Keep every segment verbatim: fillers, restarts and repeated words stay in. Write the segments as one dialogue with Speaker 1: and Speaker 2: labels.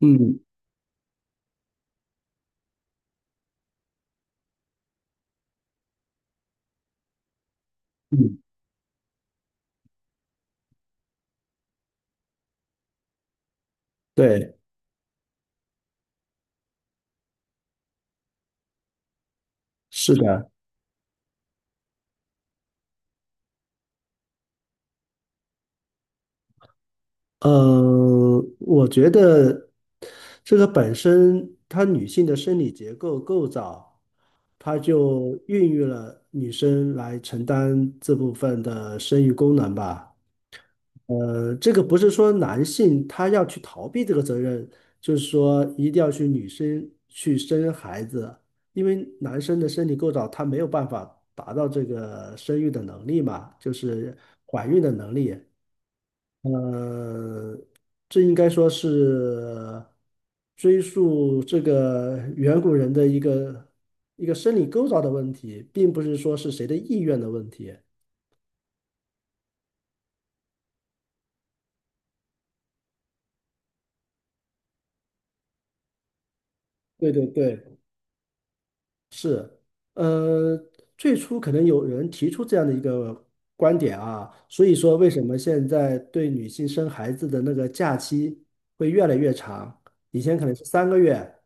Speaker 1: 嗯嗯，对，是的，呃，我觉得这个本身它女性的生理结构构造，它就孕育了女生来承担这部分的生育功能吧。呃，这个不是说男性他要去逃避这个责任，就是说一定要去女生去生孩子，因为男生的生理构造他没有办法达到这个生育的能力嘛，就是怀孕的能力。呃，这应该说是追溯这个远古人的一个一个生理构造的问题，并不是说是谁的意愿的问题。对对对，呃，最初可能有人提出这样的一个观点啊，所以说为什么现在对女性生孩子的那个假期会越来越长？以前可能是三个月，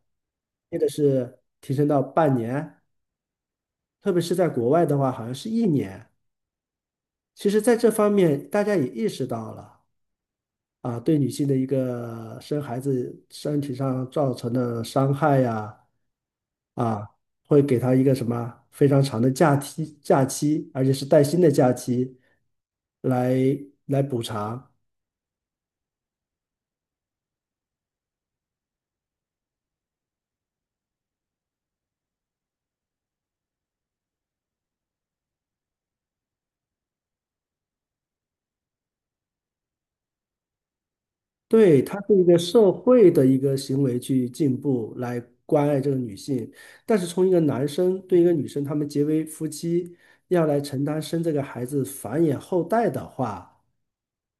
Speaker 1: 现在是提升到半年，特别是在国外的话，好像是一年。其实，在这方面，大家也意识到了啊，对女性的一个生孩子身体上造成的伤害呀，啊，会给她一个什么非常长的假期，假期，而且是带薪的假期，来来补偿。对，它是一个社会的一个行为去进步，来关爱这个女性。但是从一个男生对一个女生，他们结为夫妻，要来承担生这个孩子繁衍后代的话。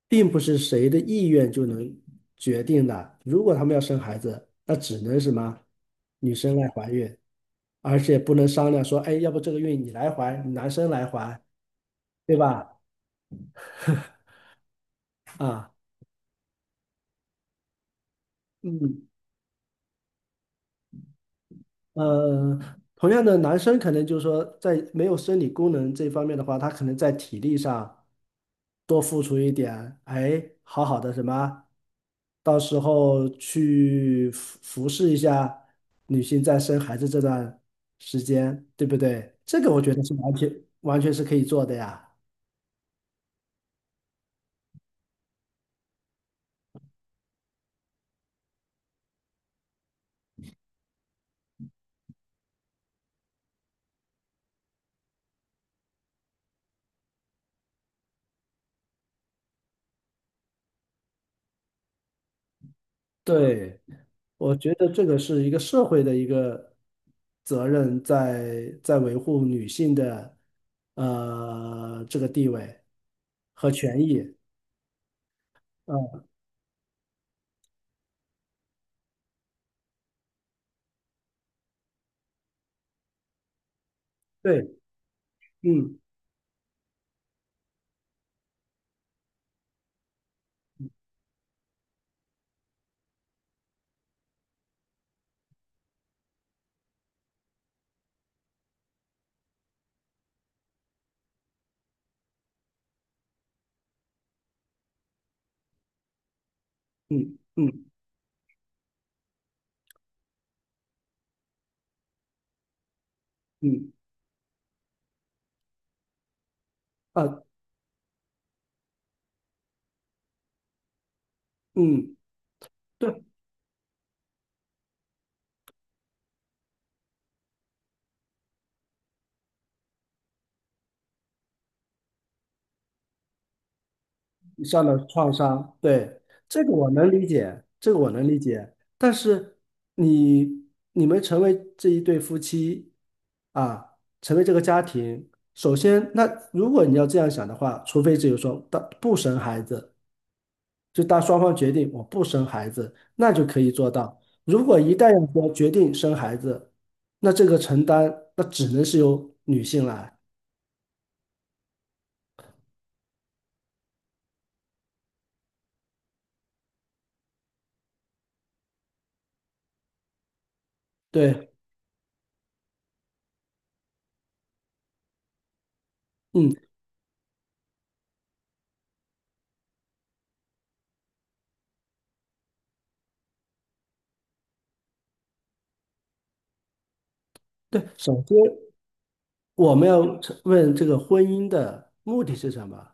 Speaker 1: 并不是谁的意愿就能决定的。如果他们要生孩子，那只能什么？女生来怀孕，而且不能商量说，哎，要不这个孕你来怀，男生来怀，对吧？啊，嗯，呃，同样的，男生可能就是说，在没有生理功能这方面的话，他可能在体力上多付出一点，哎，好好的什么？到时候去服服侍一下女性在生孩子这段时间，对不对？这个我觉得是完全完全是可以做的呀。对，我觉得这个是一个社会的一个责任在，在维护女性的呃这个地位和权益。嗯，对，嗯嗯嗯嗯啊嗯。对。以上的创伤，对，这个我能理解，这个我能理解。但是你你们成为这一对夫妻啊，成为这个家庭，首先，那如果你要这样想的话，除非只有说当不生孩子，就当双方决定我不生孩子，那就可以做到。如果一旦要说决定生孩子，那这个承担那只能是由女性来。对，嗯，对，首先。我们要问这个婚姻的目的是什么？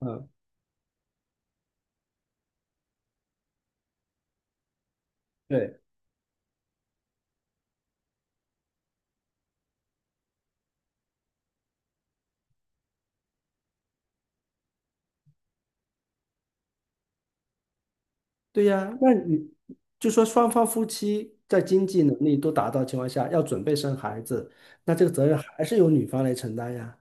Speaker 1: 嗯，对，对呀，那你就说双方夫妻在经济能力都达到情况下，要准备生孩子，那这个责任还是由女方来承担呀。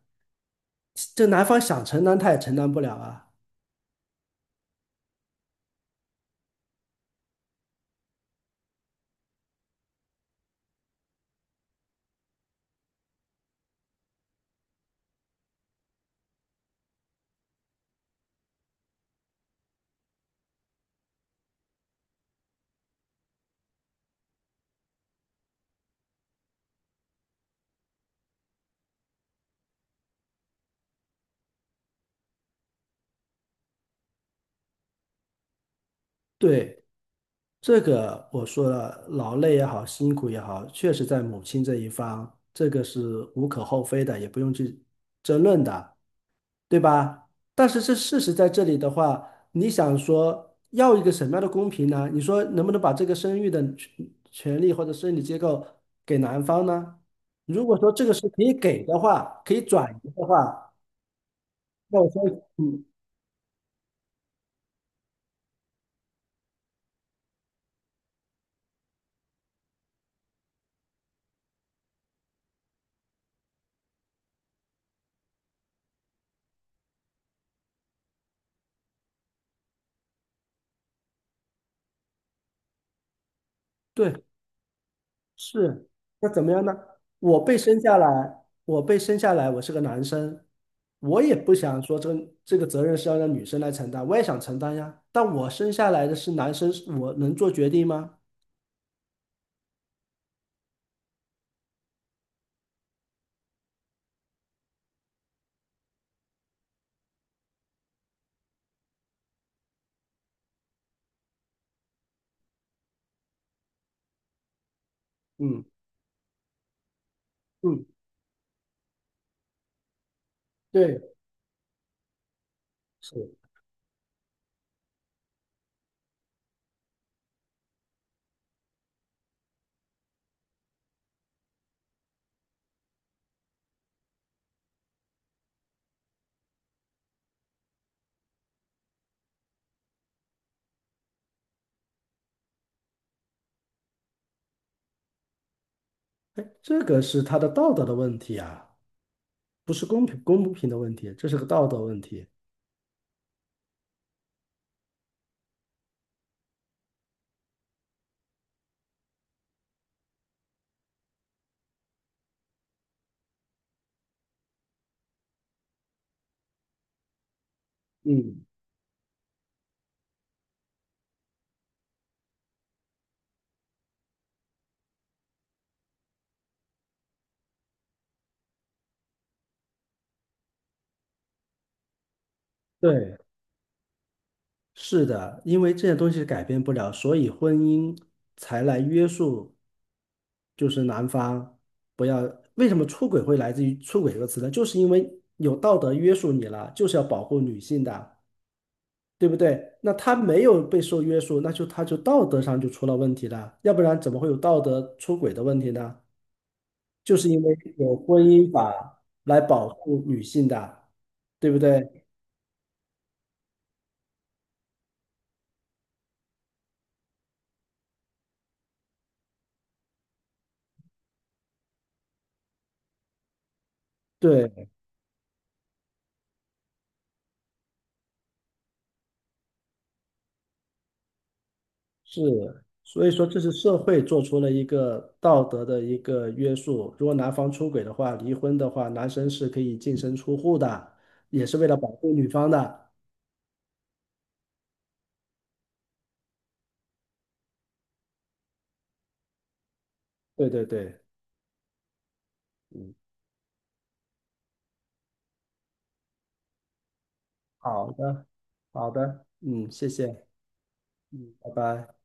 Speaker 1: 这男方想承担，他也承担不了啊。对，这个我说了，劳累也好，辛苦也好，确实在母亲这一方，这个是无可厚非的，也不用去争论的，对吧？但是这事实在这里的话，你想说要一个什么样的公平呢？你说能不能把这个生育的权权利或者生理结构给男方呢？如果说这个是可以给的话，可以转移的话，那我说，嗯，对。是，那怎么样呢？我被生下来，我被生下来，我是个男生，我也不想说这个这个责任是要让女生来承担，我也想承担呀。但我生下来的是男生，我能做决定吗？嗯嗯，对，是，哎，这个是他的道德的问题啊，不是公平公不平的问题，这是个道德问题。嗯，对，是的，因为这些东西改变不了，所以婚姻才来约束。就是男方不要，为什么出轨会来自于出轨这个词呢？就是因为有道德约束你了，就是要保护女性的，对不对？那他没有被受约束，那就他就道德上就出了问题了，要不然怎么会有道德出轨的问题呢？就是因为有婚姻法来保护女性的，对不对？对，是，所以说这是社会做出了一个道德的一个约束。如果男方出轨的话，离婚的话，男生是可以净身出户的，也是为了保护女方的。对对对，嗯，好的，好的，嗯，谢谢，嗯，拜拜。